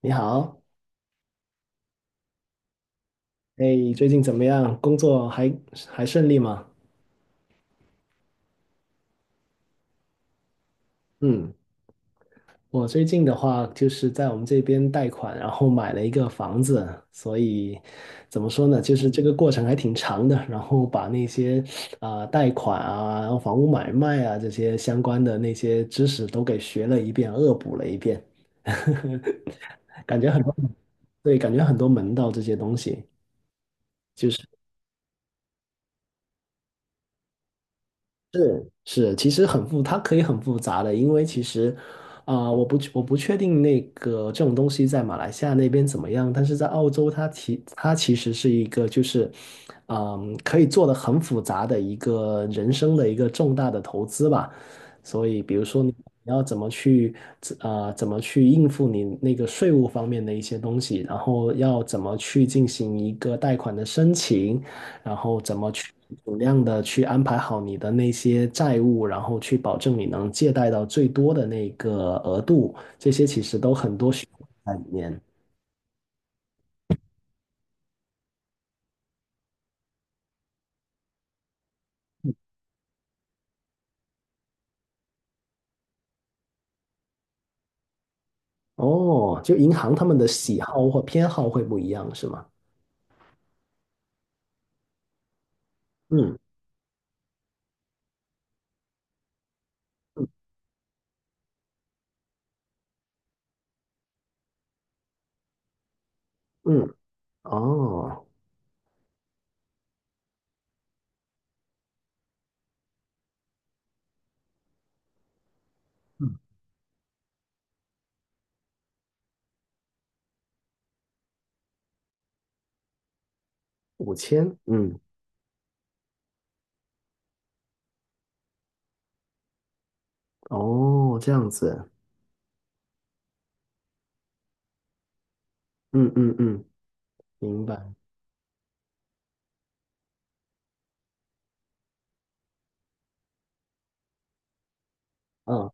你好，哎，最近怎么样？工作还顺利吗？嗯，我最近的话就是在我们这边贷款，然后买了一个房子，所以怎么说呢，就是这个过程还挺长的，然后把那些贷款啊，然后房屋买卖啊这些相关的那些知识都给学了一遍，恶补了一遍，感觉很多，对，感觉很多门道这些东西。是，其实很复，它可以很复杂的，因为其实，我不确定那个这种东西在马来西亚那边怎么样，但是在澳洲它其实是一个就是，嗯，可以做的很复杂的一个人生的一个重大的投资吧，所以比如说你要怎么去，啊，怎么去应付你那个税务方面的一些东西，然后要怎么去进行一个贷款的申请。然后怎么去尽量的去安排好你的那些债务，然后去保证你能借贷到最多的那个额度，这些其实都很多学问在里面。哦，就银行他们的喜好或偏好会不一样，是吗？嗯嗯，哦，嗯，五千，嗯，哦，这样子，嗯嗯嗯，明白。嗯。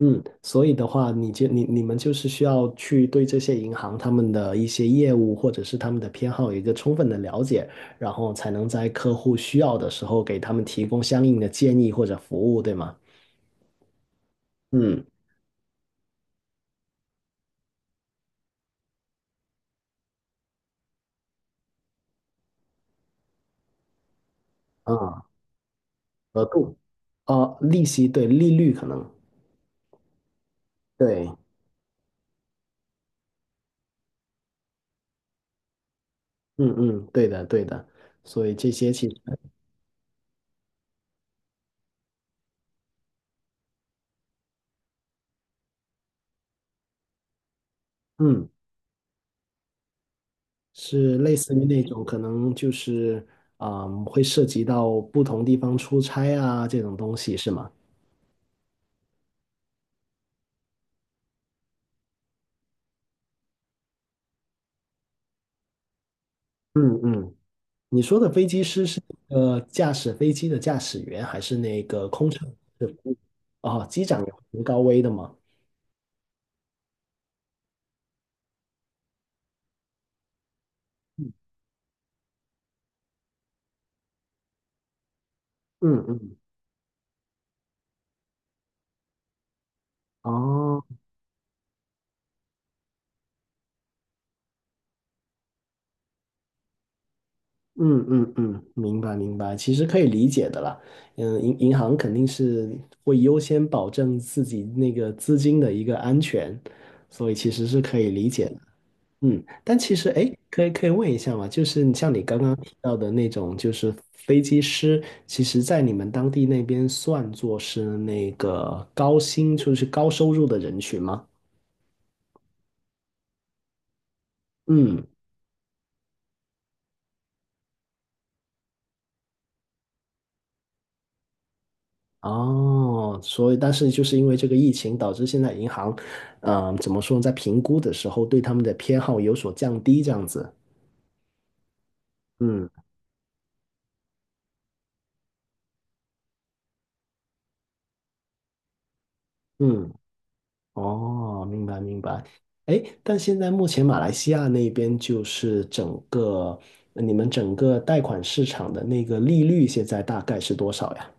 嗯，所以的话，你们就是需要去对这些银行他们的一些业务或者是他们的偏好有一个充分的了解，然后才能在客户需要的时候给他们提供相应的建议或者服务，对吗？嗯，啊，额度，啊，利息，对，利率可能，对，嗯嗯，对的对的，所以这些其实，嗯，是类似于那种可能就是，嗯，会涉及到不同地方出差啊这种东西，是吗？嗯嗯。你说的飞机师是驾驶飞机的驾驶员，还是那个空乘？是服务哦，机长有很高危的吗？嗯嗯，哦，嗯嗯嗯，明白明白，其实可以理解的啦。嗯，银行肯定是会优先保证自己那个资金的一个安全，所以其实是可以理解的。嗯，但其实，哎，可以问一下嘛，就是你像你刚刚提到的那种，就是飞机师，其实在你们当地那边算作是那个高薪，就是高收入的人群吗？嗯，哦，所以但是就是因为这个疫情，导致现在银行，怎么说呢，在评估的时候对他们的偏好有所降低，这样子。嗯嗯。哦，明白明白。哎，但现在目前马来西亚那边就是整个你们整个贷款市场的那个利率现在大概是多少呀？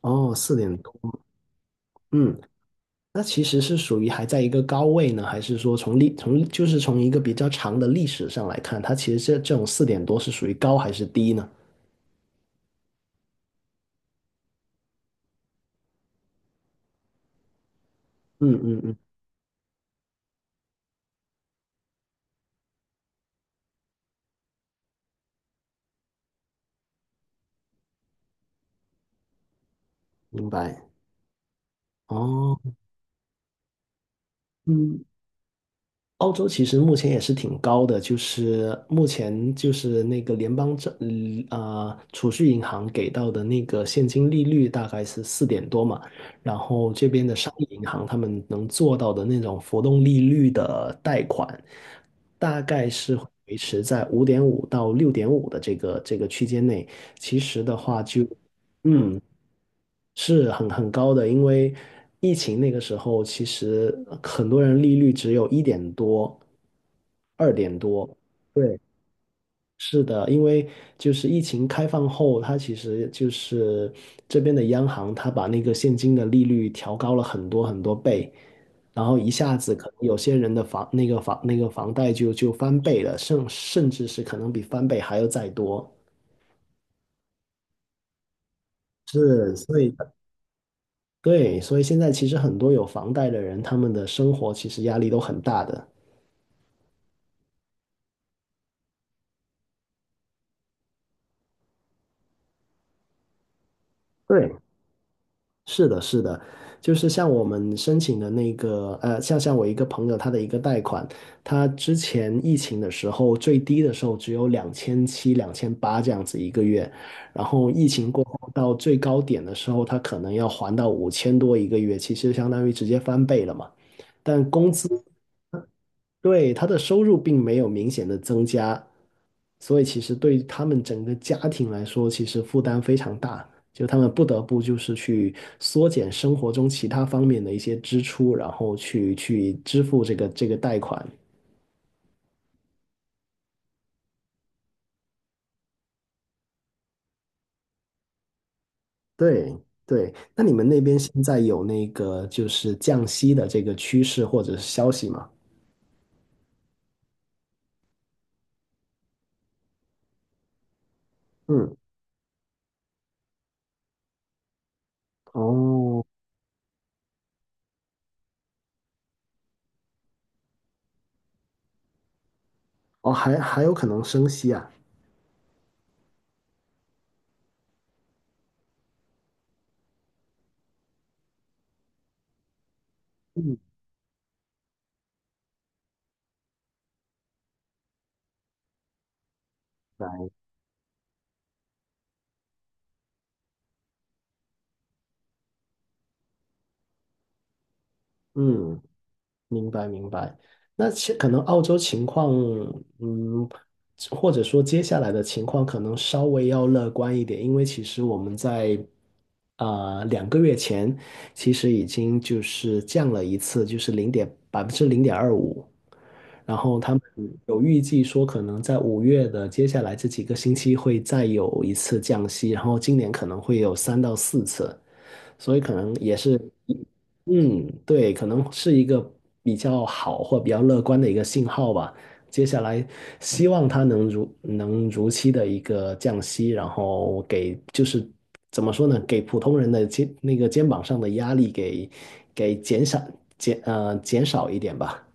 哦，四点多。嗯，那其实是属于还在一个高位呢，还是说从就是从一个比较长的历史上来看，它其实这种四点多是属于高还是低呢？嗯嗯嗯，明白。哦，嗯，澳洲其实目前也是挺高的，就是目前就是那个联邦政嗯呃储蓄银行给到的那个现金利率大概是四点多嘛，然后这边的商业银行他们能做到的那种浮动利率的贷款，大概是会维持在5.5到6.5的这个区间内。其实的话就嗯。是很高的，因为疫情那个时候，其实很多人利率只有1点多、2点多。对，是的，因为就是疫情开放后，它其实就是这边的央行，它把那个现金的利率调高了很多很多倍，然后一下子可能有些人的房那个房那个房贷就翻倍了，甚至是可能比翻倍还要再多。是，所以对，所以现在其实很多有房贷的人，他们的生活其实压力都很大的。对，是的，是的，就是像我们申请的那个，呃，像我一个朋友，他的一个贷款，他之前疫情的时候最低的时候只有2700、2800这样子一个月，然后疫情过后到最高点的时候，他可能要还到5000多一个月，其实相当于直接翻倍了嘛。但工资对，他的收入并没有明显的增加，所以其实对于他们整个家庭来说，其实负担非常大，就他们不得不就是去缩减生活中其他方面的一些支出，然后去支付这个贷款。对对，那你们那边现在有那个就是降息的这个趋势或者是消息吗？嗯，哦哦，还有可能升息啊。嗯，嗯。明白明白，那其可能澳洲情况，嗯，或者说接下来的情况可能稍微要乐观一点，因为其实我们在2个月前，其实已经就是降了一次，就是0.25%，然后他们有预计说可能在5月的接下来这几个星期会再有一次降息，然后今年可能会有3到4次。所以可能也是，嗯，对，可能是一个比较好或比较乐观的一个信号吧。接下来希望它能如期的一个降息，然后给就是怎么说呢，给普通人的肩那个肩膀上的压力给减少一点吧。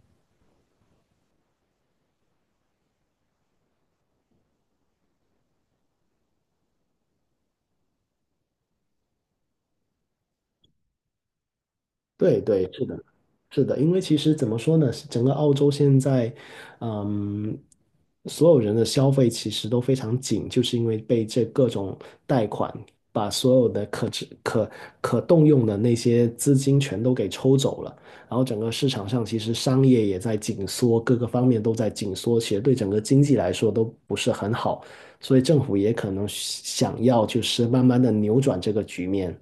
对对，是的，是的，因为其实怎么说呢，整个澳洲现在，嗯，所有人的消费其实都非常紧，就是因为被这各种贷款把所有的可支可可动用的那些资金全都给抽走了，然后整个市场上其实商业也在紧缩，各个方面都在紧缩，其实对整个经济来说都不是很好，所以政府也可能想要就是慢慢的扭转这个局面。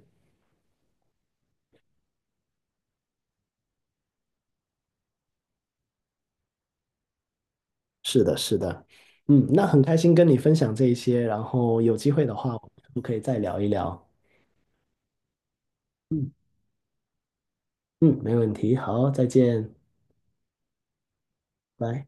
是的，是的，嗯，那很开心跟你分享这一些，然后有机会的话，我们可以再聊一聊。嗯，没问题，好，再见，拜。